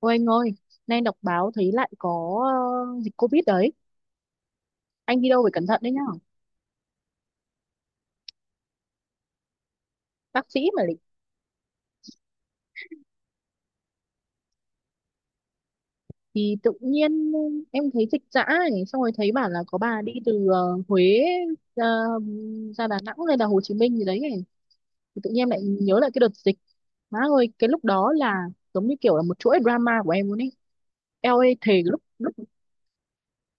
Ôi anh ơi, nay đọc báo thấy lại có dịch Covid đấy. Anh đi đâu phải cẩn thận đấy nhá. Bác sĩ mà lại. Thì tự nhiên em thấy dịch dã ấy, xong rồi thấy bảo là có bà đi từ Huế ra, ra Đà Nẵng hay là Hồ Chí Minh gì đấy ấy. Thì tự nhiên em lại nhớ lại cái đợt dịch. Má ơi, cái lúc đó là giống như kiểu là một chuỗi drama của em luôn ấy. Eo ơi, thề lúc lúc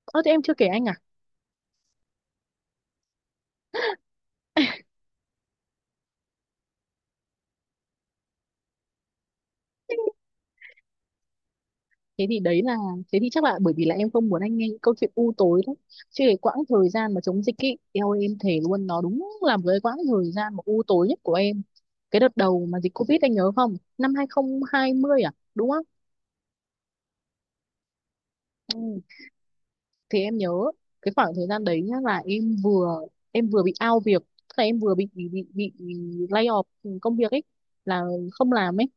Ơ thế em chưa kể anh à? thế thì đấy là thế thì chắc là bởi vì là em không muốn anh nghe những câu chuyện u tối đấy, chứ cái quãng thời gian mà chống dịch ấy, eo ơi, em thề luôn, nó đúng là một cái quãng thời gian mà u tối nhất của em. Cái đợt đầu mà dịch Covid anh nhớ không, năm 2020 à đúng không? Ừ, thì em nhớ cái khoảng thời gian đấy nhá, là em vừa bị out việc, tức là em vừa bị lay off công việc ấy, là không làm ấy,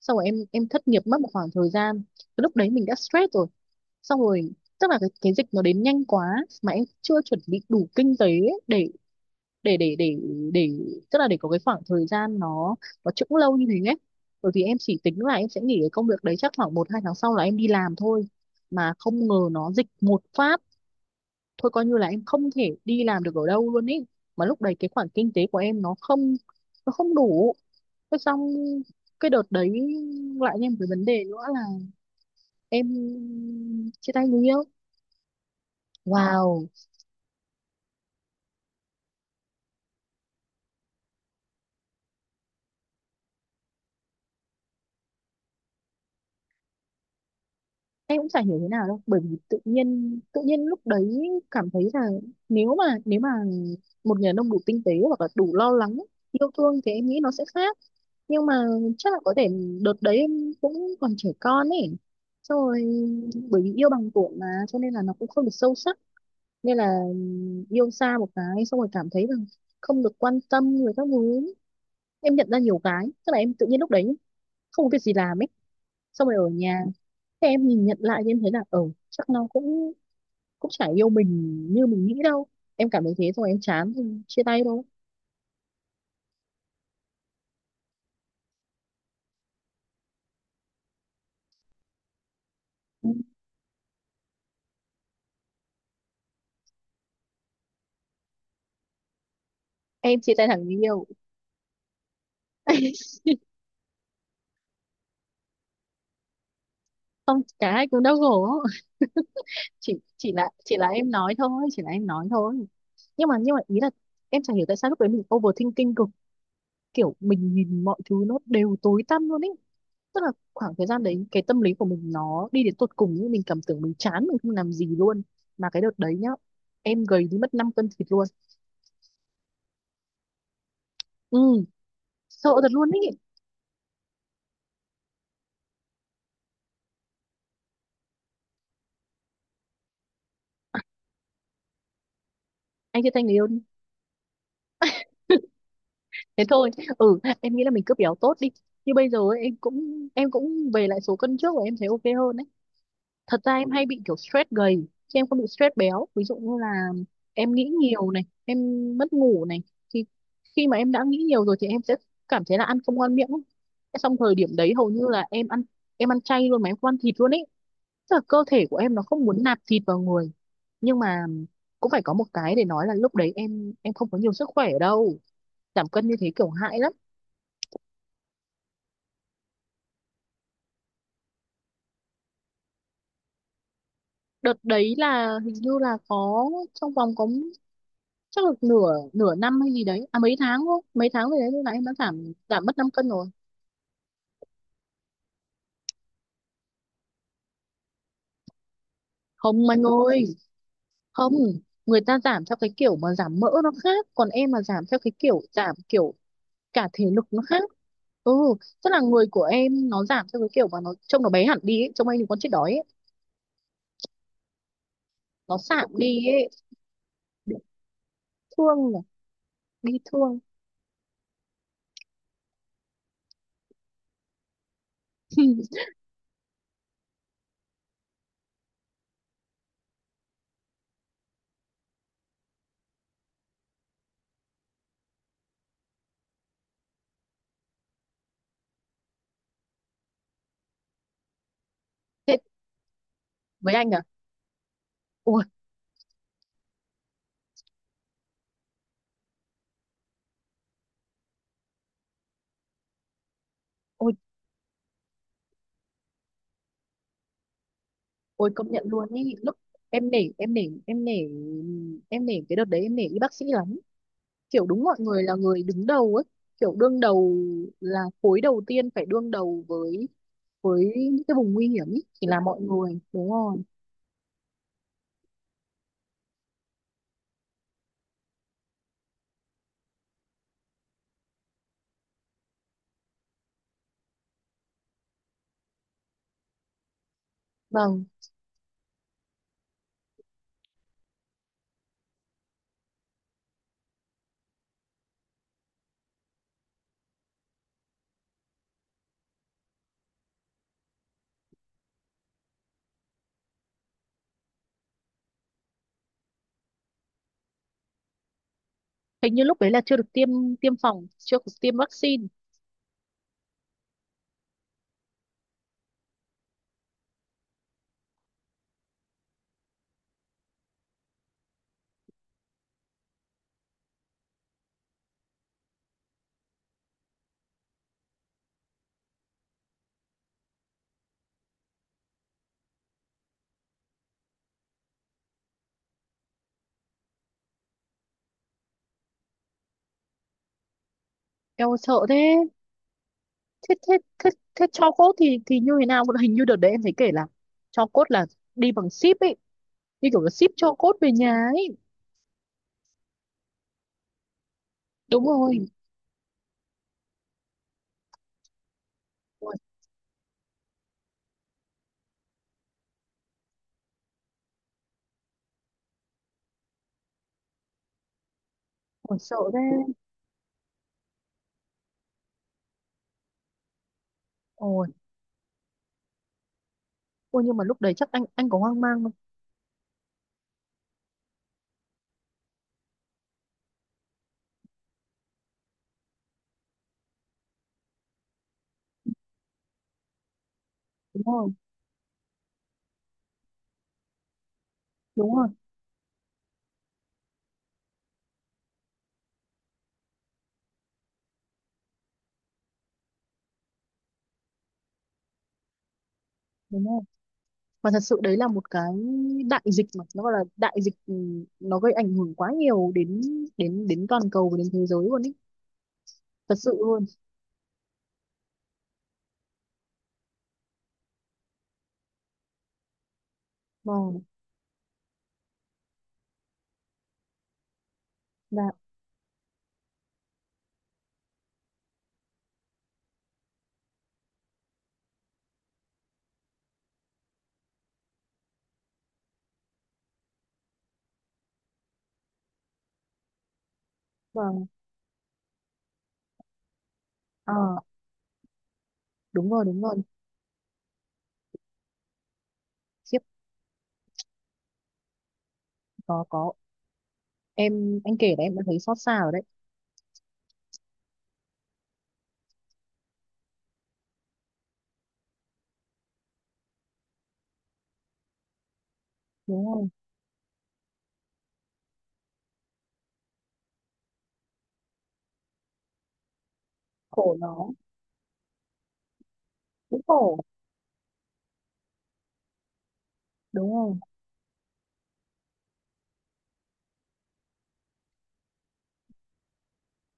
xong rồi em thất nghiệp mất một khoảng thời gian, cái lúc đấy mình đã stress rồi. Xong rồi tức là cái dịch nó đến nhanh quá, mà em chưa chuẩn bị đủ kinh tế ấy để để để để để tức là để có cái khoảng thời gian nó chững lâu như thế ấy, bởi vì em chỉ tính là em sẽ nghỉ cái công việc đấy chắc khoảng một hai tháng sau là em đi làm thôi, mà không ngờ nó dịch một phát, thôi coi như là em không thể đi làm được ở đâu luôn ý, mà lúc đấy cái khoản kinh tế của em nó không đủ. Thế xong cái đợt đấy lại thêm một cái vấn đề nữa là em chia tay người yêu. Wow. Em cũng chả hiểu thế nào đâu, bởi vì tự nhiên, tự nhiên lúc đấy cảm thấy là nếu mà một người đàn ông đủ tinh tế hoặc là đủ lo lắng yêu thương thì em nghĩ nó sẽ khác. Nhưng mà chắc là có thể đợt đấy em cũng còn trẻ con ấy, xong rồi bởi vì yêu bằng tuổi mà cho nên là nó cũng không được sâu sắc, nên là yêu xa một cái xong rồi cảm thấy là không được quan tâm người các thứ. Em nhận ra nhiều cái, tức là em tự nhiên lúc đấy không có việc gì làm ấy, xong rồi ở nhà. Thế em nhìn nhận lại thì em thấy là ừ, chắc nó cũng cũng chả yêu mình như mình nghĩ đâu, em cảm thấy thế rồi em chán thì chia tay thôi. Ừ. Em chia tay thằng người yêu. Không, cả hai cùng đau khổ. Chỉ là em nói thôi, chỉ là em nói thôi, nhưng mà ý là em chẳng hiểu tại sao lúc đấy mình overthinking cực, kiểu mình nhìn mọi thứ nó đều tối tăm luôn ấy, tức là khoảng thời gian đấy cái tâm lý của mình nó đi đến tột cùng, nhưng mình cảm tưởng mình chán, mình không làm gì luôn. Mà cái đợt đấy nhá, em gầy đi mất 5 cân thịt luôn. Ừ, sợ thật luôn ấy. Anh chia tay người yêu đi, thế thôi. Ừ, em nghĩ là mình cứ béo tốt đi, như bây giờ ấy, em cũng về lại số cân trước và em thấy ok hơn đấy. Thật ra em hay bị kiểu stress gầy chứ em không bị stress béo, ví dụ như là em nghĩ nhiều này, em mất ngủ này, thì khi mà em đã nghĩ nhiều rồi thì em sẽ cảm thấy là ăn không ngon miệng ấy. Thế xong thời điểm đấy hầu như là em ăn chay luôn, mà em không ăn thịt luôn ấy, tức là cơ thể của em nó không muốn nạp thịt vào người. Nhưng mà cũng phải có một cái để nói là lúc đấy em không có nhiều sức khỏe đâu, giảm cân như thế kiểu hại lắm. Đợt đấy là hình như là có trong vòng có, chắc là nửa nửa năm hay gì đấy, à, mấy tháng thôi, mấy tháng rồi đấy, lúc nãy em đã giảm giảm mất 5 cân rồi. Không anh ơi, không, người ta giảm theo cái kiểu mà giảm mỡ nó khác, còn em mà giảm theo cái kiểu giảm kiểu cả thể lực nó khác. Ừ, tức là người của em nó giảm theo cái kiểu mà nó trông nó bé hẳn đi ấy, trông anh thì con chết đói ấy. Nó sạm đi ấy, bị thương nhỉ, bị thương. Thế với anh à? Ôi. Ôi công nhận luôn ý lúc, em nể, em nể cái đợt đấy, em nể y bác sĩ lắm, kiểu đúng mọi người là người đứng đầu ấy, kiểu đương đầu, là khối đầu tiên phải đương đầu với những cái vùng nguy hiểm ý, chỉ là mọi người đúng rồi. Vâng. Hình như lúc đấy là chưa được tiêm tiêm phòng, chưa được tiêm vaccine. Em ơi, sợ thế. Thế Thế cho cốt thì như thế nào, hình như đợt đấy em thấy kể là cho cốt là đi bằng ship ấy, như kiểu là ship cho cốt về nhà ấy. Đúng rồi. Ôi, ôi, sợ thế. Ôi, ôi, nhưng mà lúc đấy chắc anh có hoang mang không? Đúng rồi, đúng rồi, đúng rồi. Và thật sự đấy là một cái đại dịch mà nó gọi là đại dịch, ừ, nó gây ảnh hưởng quá nhiều đến, đến toàn cầu và đến thế giới luôn ý. Thật sự luôn. Vâng. Dạ. Vâng. Ờ, đúng rồi, đúng rồi. Khiếp, có, em anh kể là em đã thấy xót xa rồi đấy. Đúng rồi, khổ nó, cũng khổ, đúng rồi.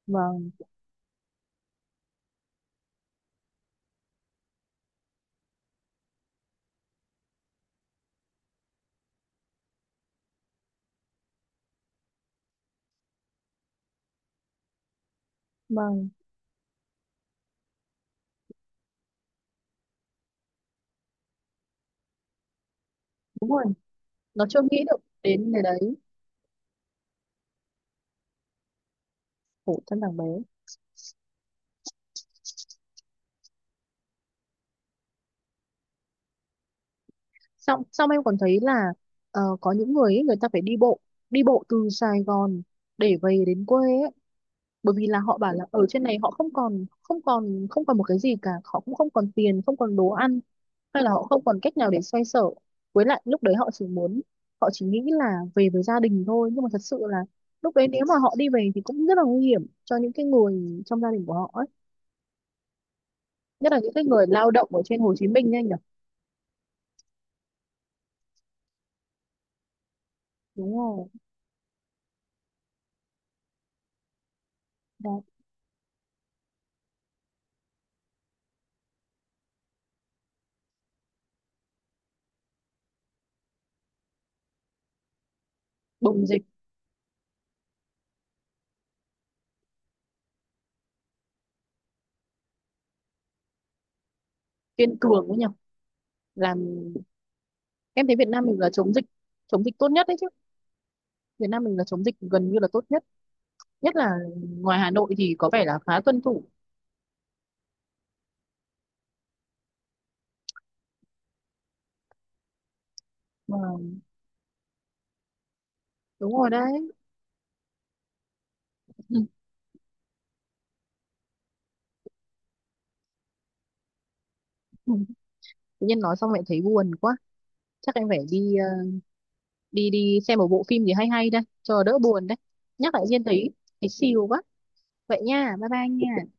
Vâng. Vâng. Đúng rồi. Nó chưa nghĩ được đến cái đấy. Khổ thân thằng bé. Xong xong em còn thấy là có những người ấy, người ta phải đi bộ, đi bộ từ Sài Gòn để về đến quê ấy. Bởi vì là họ bảo là ở trên này họ không còn, không còn một cái gì cả, họ cũng không còn tiền, không còn đồ ăn, hay là họ không còn cách nào để xoay sở, với lại lúc đấy họ chỉ muốn, họ chỉ nghĩ là về với gia đình thôi, nhưng mà thật sự là lúc đấy nếu mà họ đi về thì cũng rất là nguy hiểm cho những cái người trong gia đình của họ ấy. Nhất là những cái người lao động ở trên Hồ Chí Minh nha anh nhỉ. Đúng rồi. Đó. Bùng dịch. Kiên cường ấy nhỉ. Làm em thấy Việt Nam mình là chống dịch tốt nhất đấy chứ, Việt Nam mình là chống dịch gần như là tốt nhất, nhất là ngoài Hà Nội thì có vẻ là khá tuân thủ. Mà đúng rồi đấy. Tự nhiên nói xong lại thấy buồn quá, chắc em phải đi đi xem một bộ phim gì hay hay đây cho đỡ buồn đấy. Nhắc lại Diên thấy thấy xìu quá. Vậy nha, bye bye nha.